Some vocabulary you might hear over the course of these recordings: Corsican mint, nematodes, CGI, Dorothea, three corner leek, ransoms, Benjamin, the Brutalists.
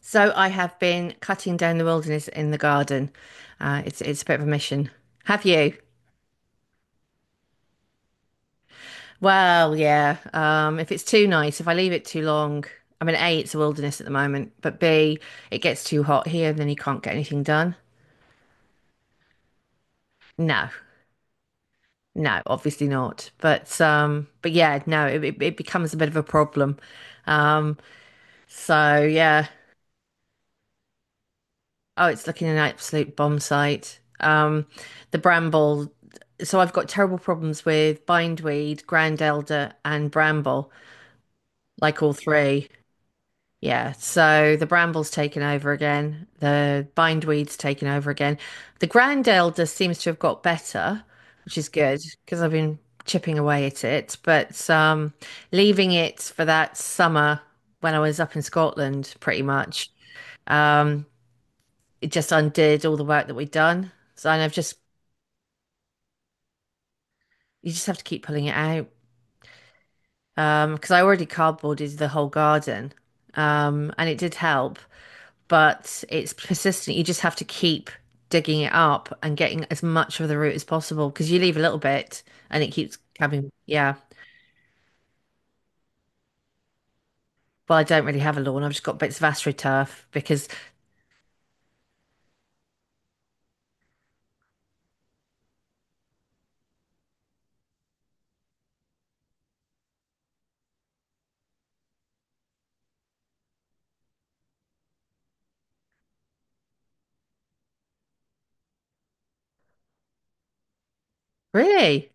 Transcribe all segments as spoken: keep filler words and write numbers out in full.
So I have been cutting down the wilderness in the garden. Uh, it's it's a bit of a mission. Have you? Well, yeah. Um, if it's too nice, if I leave it too long, I mean, A, it's a wilderness at the moment, but B, it gets too hot here and then you can't get anything done. No, no, obviously not. But um, but yeah, no, it, it it becomes a bit of a problem. Um, so yeah, oh, it's looking an absolute bomb site. Um, the bramble. So I've got terrible problems with bindweed, grand elder, and bramble, like all three. Yeah. So the bramble's taken over again. The bindweed's taken over again. The grand elder seems to have got better, which is good because I've been chipping away at it. But um, leaving it for that summer when I was up in Scotland, pretty much. Um, it just undid all the work that we'd done. So and I've just you just have to keep pulling it out. Um, because I already cardboarded the whole garden. Um, and it did help, but it's persistent. You just have to keep digging it up and getting as much of the root as possible because you leave a little bit and it keeps coming. Yeah. Well, I don't really have a lawn. I've just got bits of astroturf because really,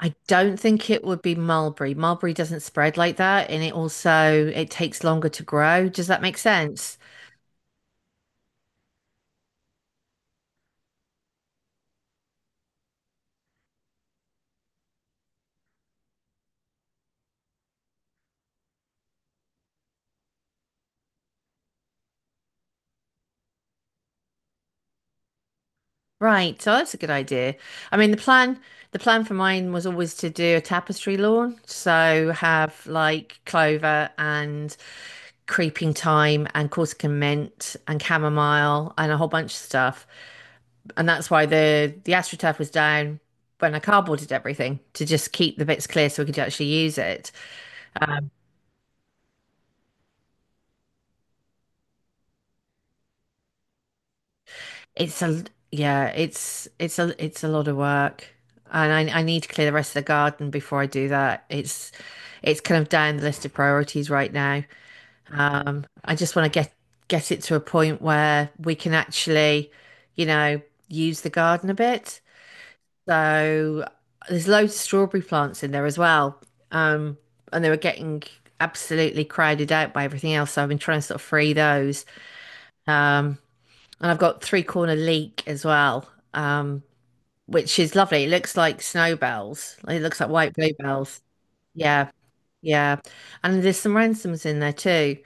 I don't think it would be mulberry. Mulberry doesn't spread like that, and it also it takes longer to grow. Does that make sense? Right, so that's a good idea. I mean, the plan the plan for mine was always to do a tapestry lawn, so have like clover and creeping thyme and Corsican mint and chamomile and a whole bunch of stuff. And that's why the the astroturf was down when I cardboarded everything to just keep the bits clear so we could actually use it. It's a Yeah, it's it's a it's a lot of work. And I I need to clear the rest of the garden before I do that. It's it's kind of down the list of priorities right now. Um, I just want to get get it to a point where we can actually, you know, use the garden a bit. So there's loads of strawberry plants in there as well. Um, and they were getting absolutely crowded out by everything else. So I've been trying to sort of free those. Um, and I've got three corner leek as well, um, which is lovely. It looks like snowbells. It looks like white bluebells. Yeah, yeah. And there's some ransoms in there too,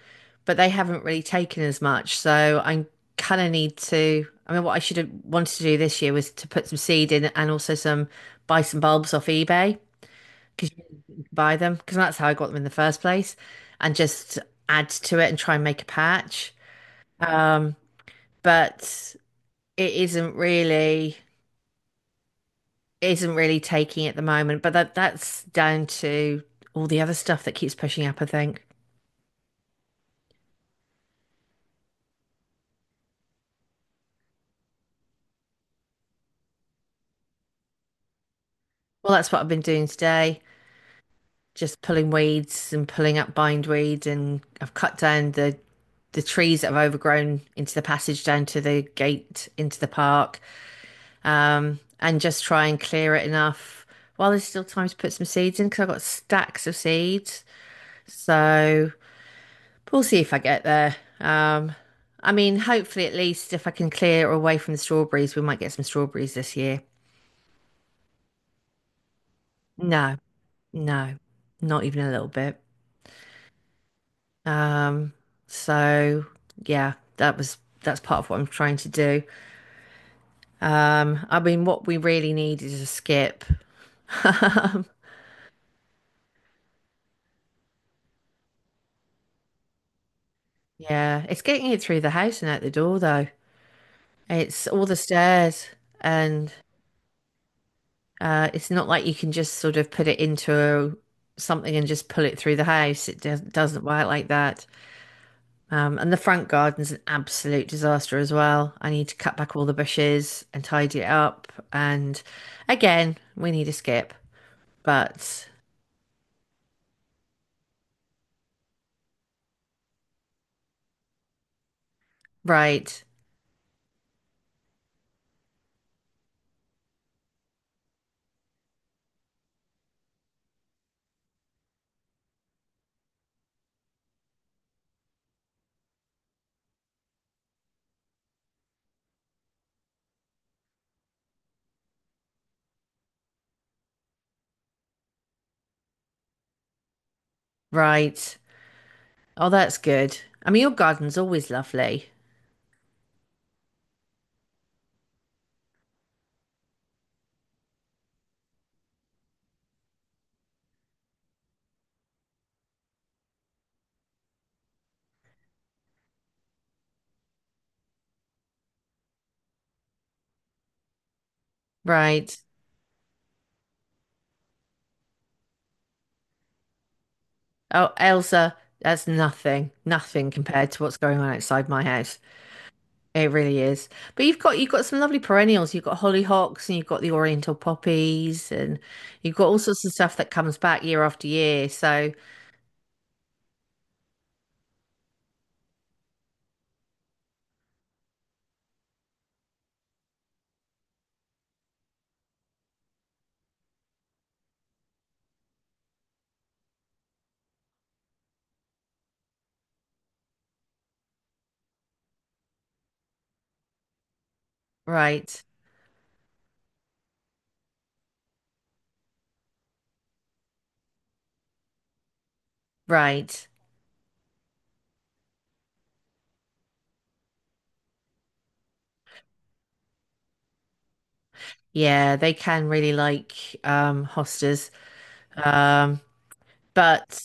but they haven't really taken as much. So I kind of need to. I mean, what I should have wanted to do this year was to put some seed in and also some buy some bulbs off eBay because you can buy them because that's how I got them in the first place, and just add to it and try and make a patch. Um, but it isn't really isn't really taking at the moment, but that that's down to all the other stuff that keeps pushing up, I think. Well, that's what I've been doing today, just pulling weeds and pulling up bindweed, and I've cut down the the trees that have overgrown into the passage down to the gate into the park, um, and just try and clear it enough while there's still time to put some seeds in because I've got stacks of seeds. So we'll see if I get there. Um, I mean, hopefully, at least if I can clear away from the strawberries, we might get some strawberries this year. No, no, not even a little bit. Um, so yeah, that was that's part of what I'm trying to do. Um, I mean, what we really need is a skip. Um, yeah, it's getting it through the house and out the door though. It's all the stairs and Uh, it's not like you can just sort of put it into something and just pull it through the house. It does, doesn't work like that. Um, and the front garden's an absolute disaster as well. I need to cut back all the bushes and tidy it up. And again, we need a skip. But right, right. Oh, that's good. I mean, your garden's always lovely. Right. Oh, Elsa, that's nothing, nothing compared to what's going on outside my house. It really is. But you've got you've got some lovely perennials. You've got hollyhocks and you've got the oriental poppies and you've got all sorts of stuff that comes back year after year. So, right, right. Yeah, they can really like um hostas. Um, but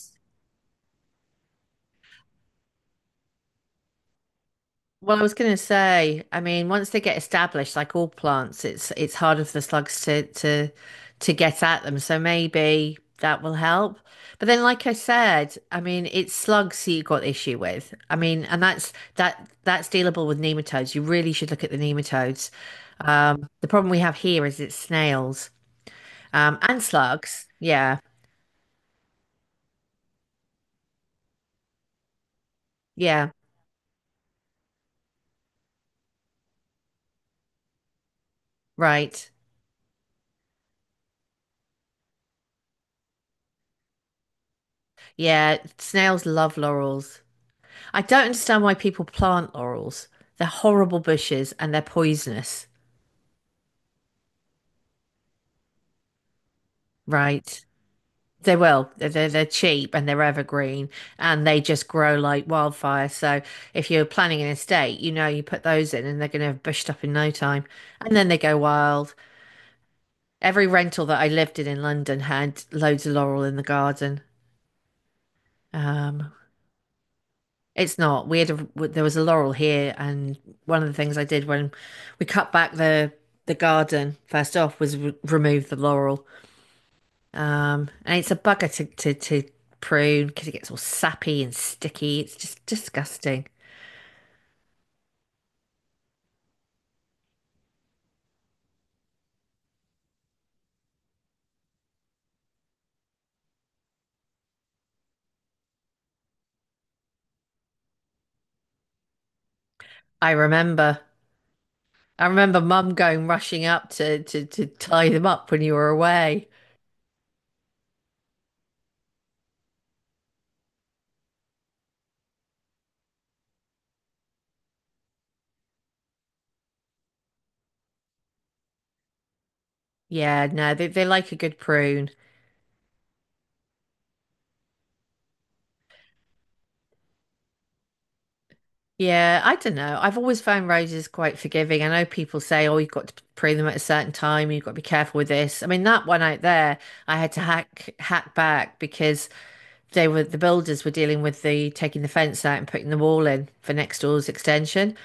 well, I was going to say, I mean, once they get established, like all plants, it's it's harder for the slugs to to to get at them. So maybe that will help. But then, like I said, I mean, it's slugs that you've got the issue with. I mean, and that's that that's dealable with nematodes. You really should look at the nematodes. Um, the problem we have here is it's snails, um, and slugs. Yeah, yeah, right. Yeah, snails love laurels. I don't understand why people plant laurels. They're horrible bushes and they're poisonous, right? They will. They're, they're, they're cheap and they're evergreen and they just grow like wildfire. So if you're planning an estate, you know you put those in and they're going to have bushed up in no time. And then they go wild. Every rental that I lived in in London had loads of laurel in the garden. Um, It's not. We had a. there was a laurel here, and one of the things I did when we cut back the the garden first off was re remove the laurel. Um, and it's a bugger to to, to prune because it gets all sappy and sticky. It's just disgusting. I remember. I remember Mum going rushing up to to to tie them up when you were away. Yeah, no, they they like a good prune. Yeah, I don't know. I've always found roses quite forgiving. I know people say, oh, you've got to prune them at a certain time, you've got to be careful with this. I mean, that one out there, I had to hack hack back because they were the builders were dealing with the taking the fence out and putting the wall in for next door's extension.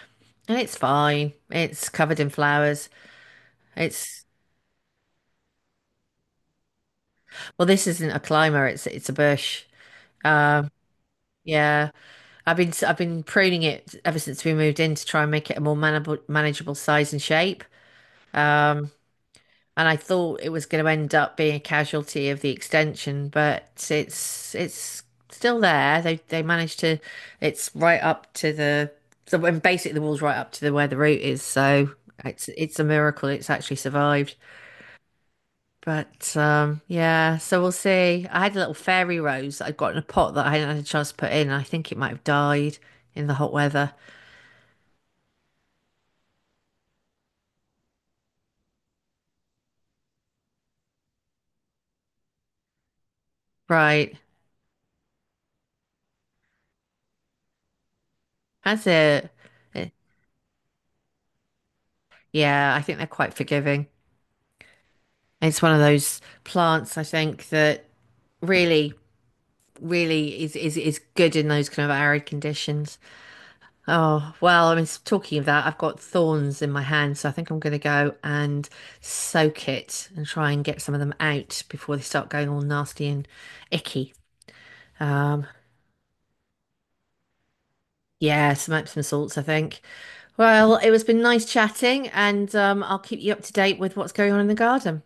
And it's fine. It's covered in flowers. It's Well, this isn't a climber, it's it's a bush. Um, yeah. I've been I've been pruning it ever since we moved in to try and make it a more manageable manageable size and shape. Um, and I thought it was going to end up being a casualty of the extension, but it's it's still there. They they managed to. It's right up to the so and basically the wall's right up to the where the route is. So it's it's a miracle it's actually survived. But um, yeah, so we'll see. I had a little fairy rose that I'd got in a pot that I hadn't had a chance to put in. I think it might have died in the hot weather. Right, that's it. Eh, Yeah, I think they're quite forgiving. It's one of those plants, I think, that really, really is is is good in those kind of arid conditions. Oh, well, I mean, s- talking of that, I've got thorns in my hand, so I think I'm going to go and soak it and try and get some of them out before they start going all nasty and icky. Um, yeah, some Epsom salts, I think. Well, it was been nice chatting, and um, I'll keep you up to date with what's going on in the garden.